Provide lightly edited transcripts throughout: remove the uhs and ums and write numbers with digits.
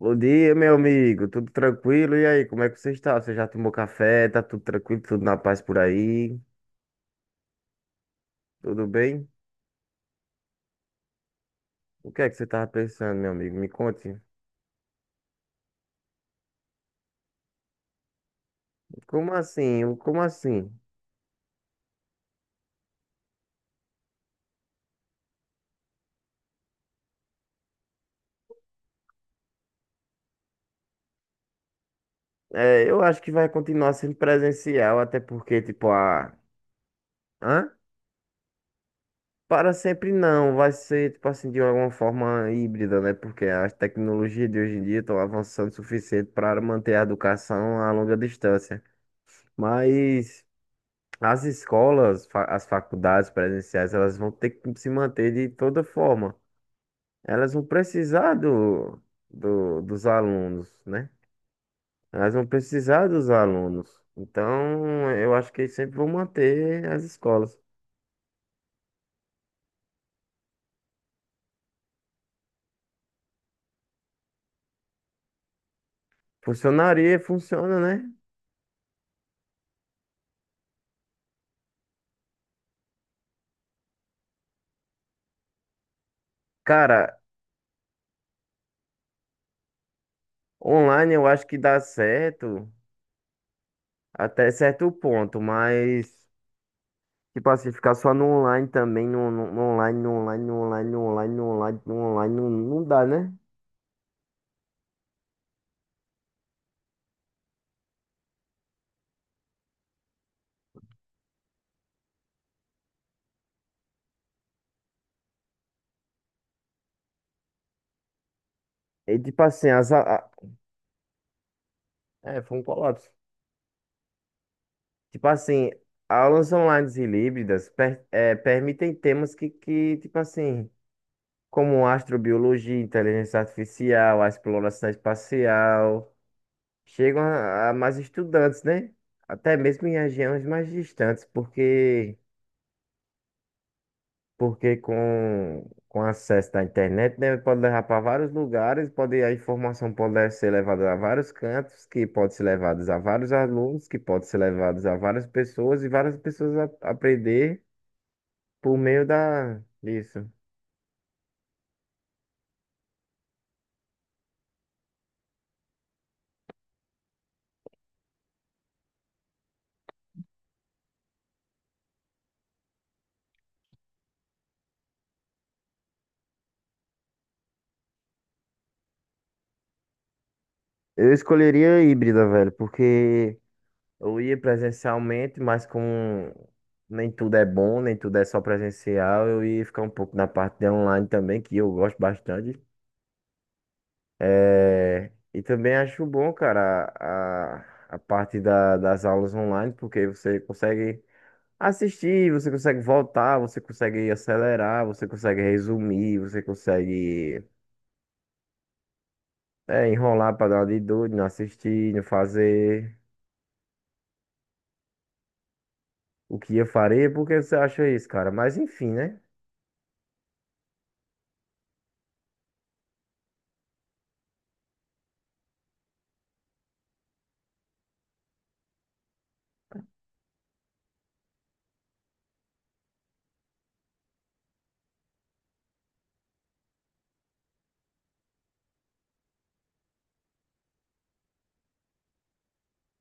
Bom dia, meu amigo. Tudo tranquilo? E aí, como é que você está? Você já tomou café? Tá tudo tranquilo? Tudo na paz por aí? Tudo bem? O que é que você estava pensando, meu amigo? Me conte. Como assim? Como assim? É, eu acho que vai continuar sendo presencial, até porque, tipo, a. Hã? Para sempre não. Vai ser, tipo assim, de alguma forma híbrida, né? Porque as tecnologias de hoje em dia estão avançando o suficiente para manter a educação a longa distância. Mas. As escolas, as faculdades presenciais, elas vão ter que se manter de toda forma. Elas vão precisar dos alunos, né? Elas vão precisar dos alunos. Então, eu acho que sempre vão manter as escolas. Funcionaria, funciona, né? Cara, online eu acho que dá certo até certo ponto, mas, tipo assim, ficar só no online também, no online, não, não dá, né? E tipo assim, as, a- é, foi um colapso. Tipo assim, aulas online e híbridas permitem temas que, tipo assim, como astrobiologia, inteligência artificial, a exploração espacial, chegam a mais estudantes, né? Até mesmo em regiões mais distantes. Porque com acesso da internet, né, pode levar para vários lugares, a informação pode ser levada a vários cantos, que pode ser levados a vários alunos, que pode ser levados a várias pessoas, e várias pessoas aprender por meio disso. Eu escolheria a híbrida, velho, porque eu ia presencialmente, mas com nem tudo é bom, nem tudo é só presencial, eu ia ficar um pouco na parte de online também, que eu gosto bastante. É, e também acho bom, cara, a parte das aulas online, porque você consegue assistir, você consegue voltar, você consegue acelerar, você consegue resumir, você consegue enrolar para dar uma de doido, não assistir, não fazer o que eu faria, por que você acha isso, cara? Mas enfim, né?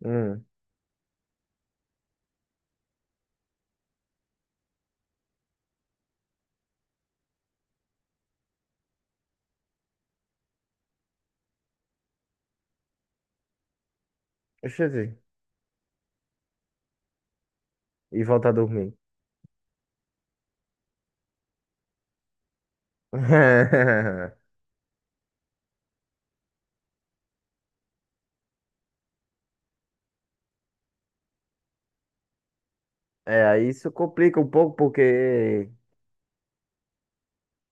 Hum, Deixa eu ver. E voltar a dormir. É, aí isso complica um pouco, porque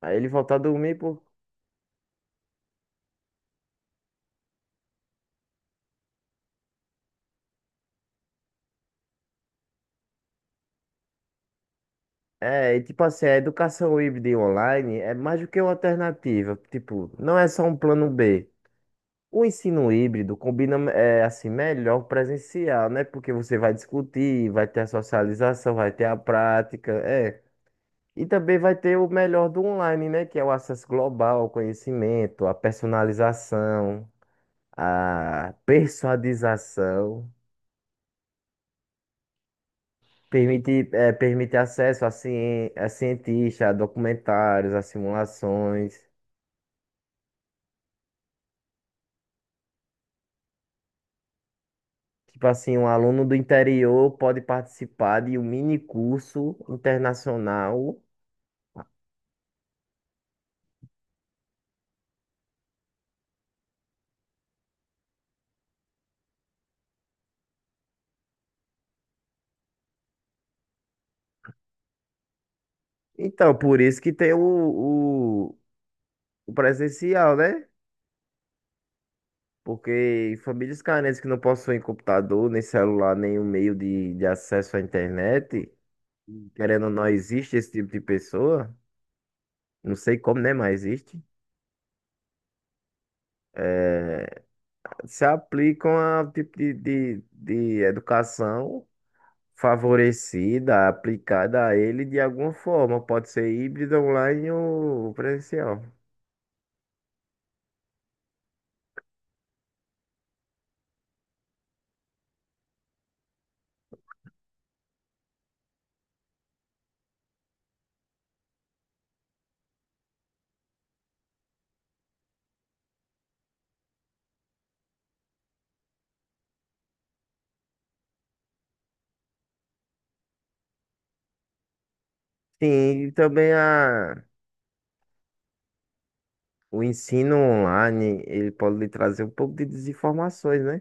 aí ele voltar a dormir. É, e tipo assim, a educação híbrida e online é mais do que uma alternativa. Tipo, não é só um plano B. O ensino híbrido combina assim melhor o presencial, né? Porque você vai discutir, vai ter a socialização, vai ter a prática, é. E também vai ter o melhor do online, né? Que é o acesso global ao conhecimento, a personalização, a persuadização. Permite acesso a cientistas, a documentários, a simulações. Tipo assim, um aluno do interior pode participar de um mini curso internacional. Então, por isso que tem o, o presencial, né? Porque famílias carentes que não possuem computador, nem celular, nenhum meio de acesso à internet, querendo ou não, existe esse tipo de pessoa. Não sei como, né? Mas existe. É, se aplicam a tipo de educação favorecida, aplicada a ele de alguma forma. Pode ser híbrido, online ou presencial. Sim, e também o ensino online, ele pode lhe trazer um pouco de desinformações, né?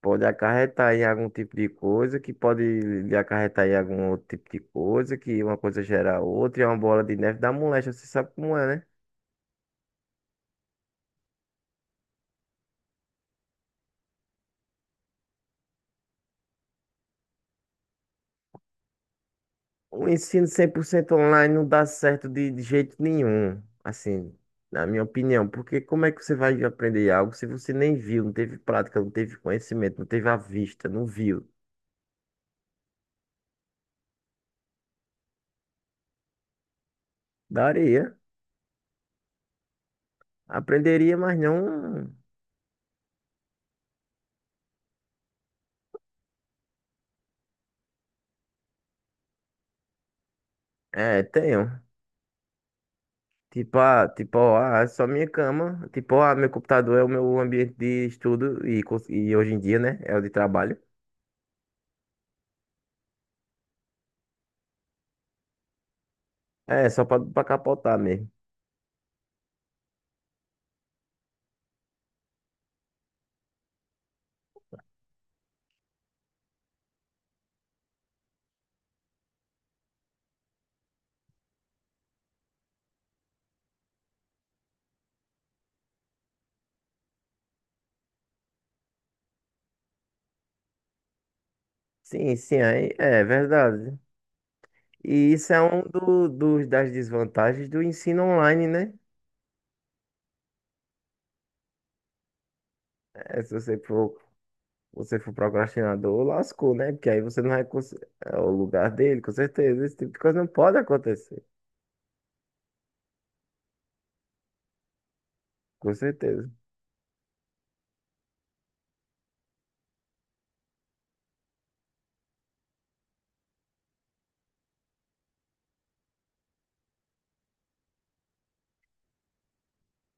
Pode acarretar em algum tipo de coisa, que pode lhe acarretar em algum outro tipo de coisa, que uma coisa gera outra, e é uma bola de neve da moléstia, você sabe como é, né? O ensino 100% online não dá certo de jeito nenhum, assim, na minha opinião, porque como é que você vai aprender algo se você nem viu, não teve prática, não teve conhecimento, não teve a vista, não viu? Daria, aprenderia, mas não, tenho. Tipo, ah, é só minha cama, tipo, ah, meu computador é o meu ambiente de estudo e hoje em dia, né, é o de trabalho. É, só pra, pra capotar mesmo. Sim, sim, aí é verdade. E isso é um das desvantagens do ensino online, né? É, se você for, você for procrastinador, lascou, né? Porque aí você não vai. É o lugar dele, com certeza. Esse tipo de coisa não pode acontecer, com certeza.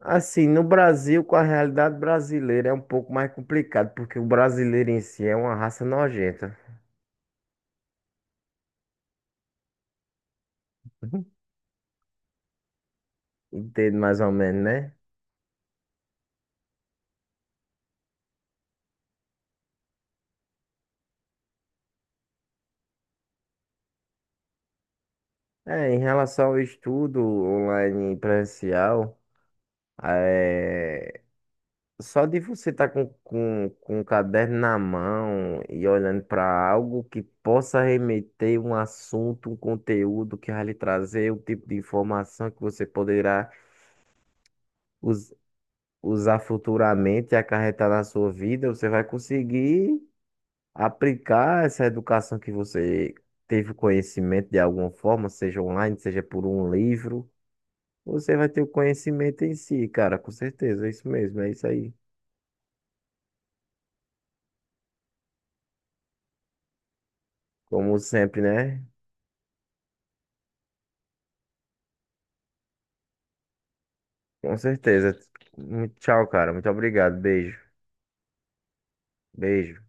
Assim, no Brasil, com a realidade brasileira, é um pouco mais complicado, porque o brasileiro em si é uma raça nojenta. Entendo mais ou menos, né? É, em relação ao estudo online e presencial, é, só de você estar com um caderno na mão e olhando para algo que possa remeter um assunto, um conteúdo que vai lhe trazer o tipo de informação que você poderá us- usar futuramente e acarretar na sua vida, você vai conseguir aplicar essa educação que você teve o conhecimento de alguma forma, seja online, seja por um livro. Você vai ter o conhecimento em si, cara, com certeza, é isso mesmo, é isso aí. Como sempre, né? Com certeza. Tchau, cara. Muito obrigado. Beijo. Beijo.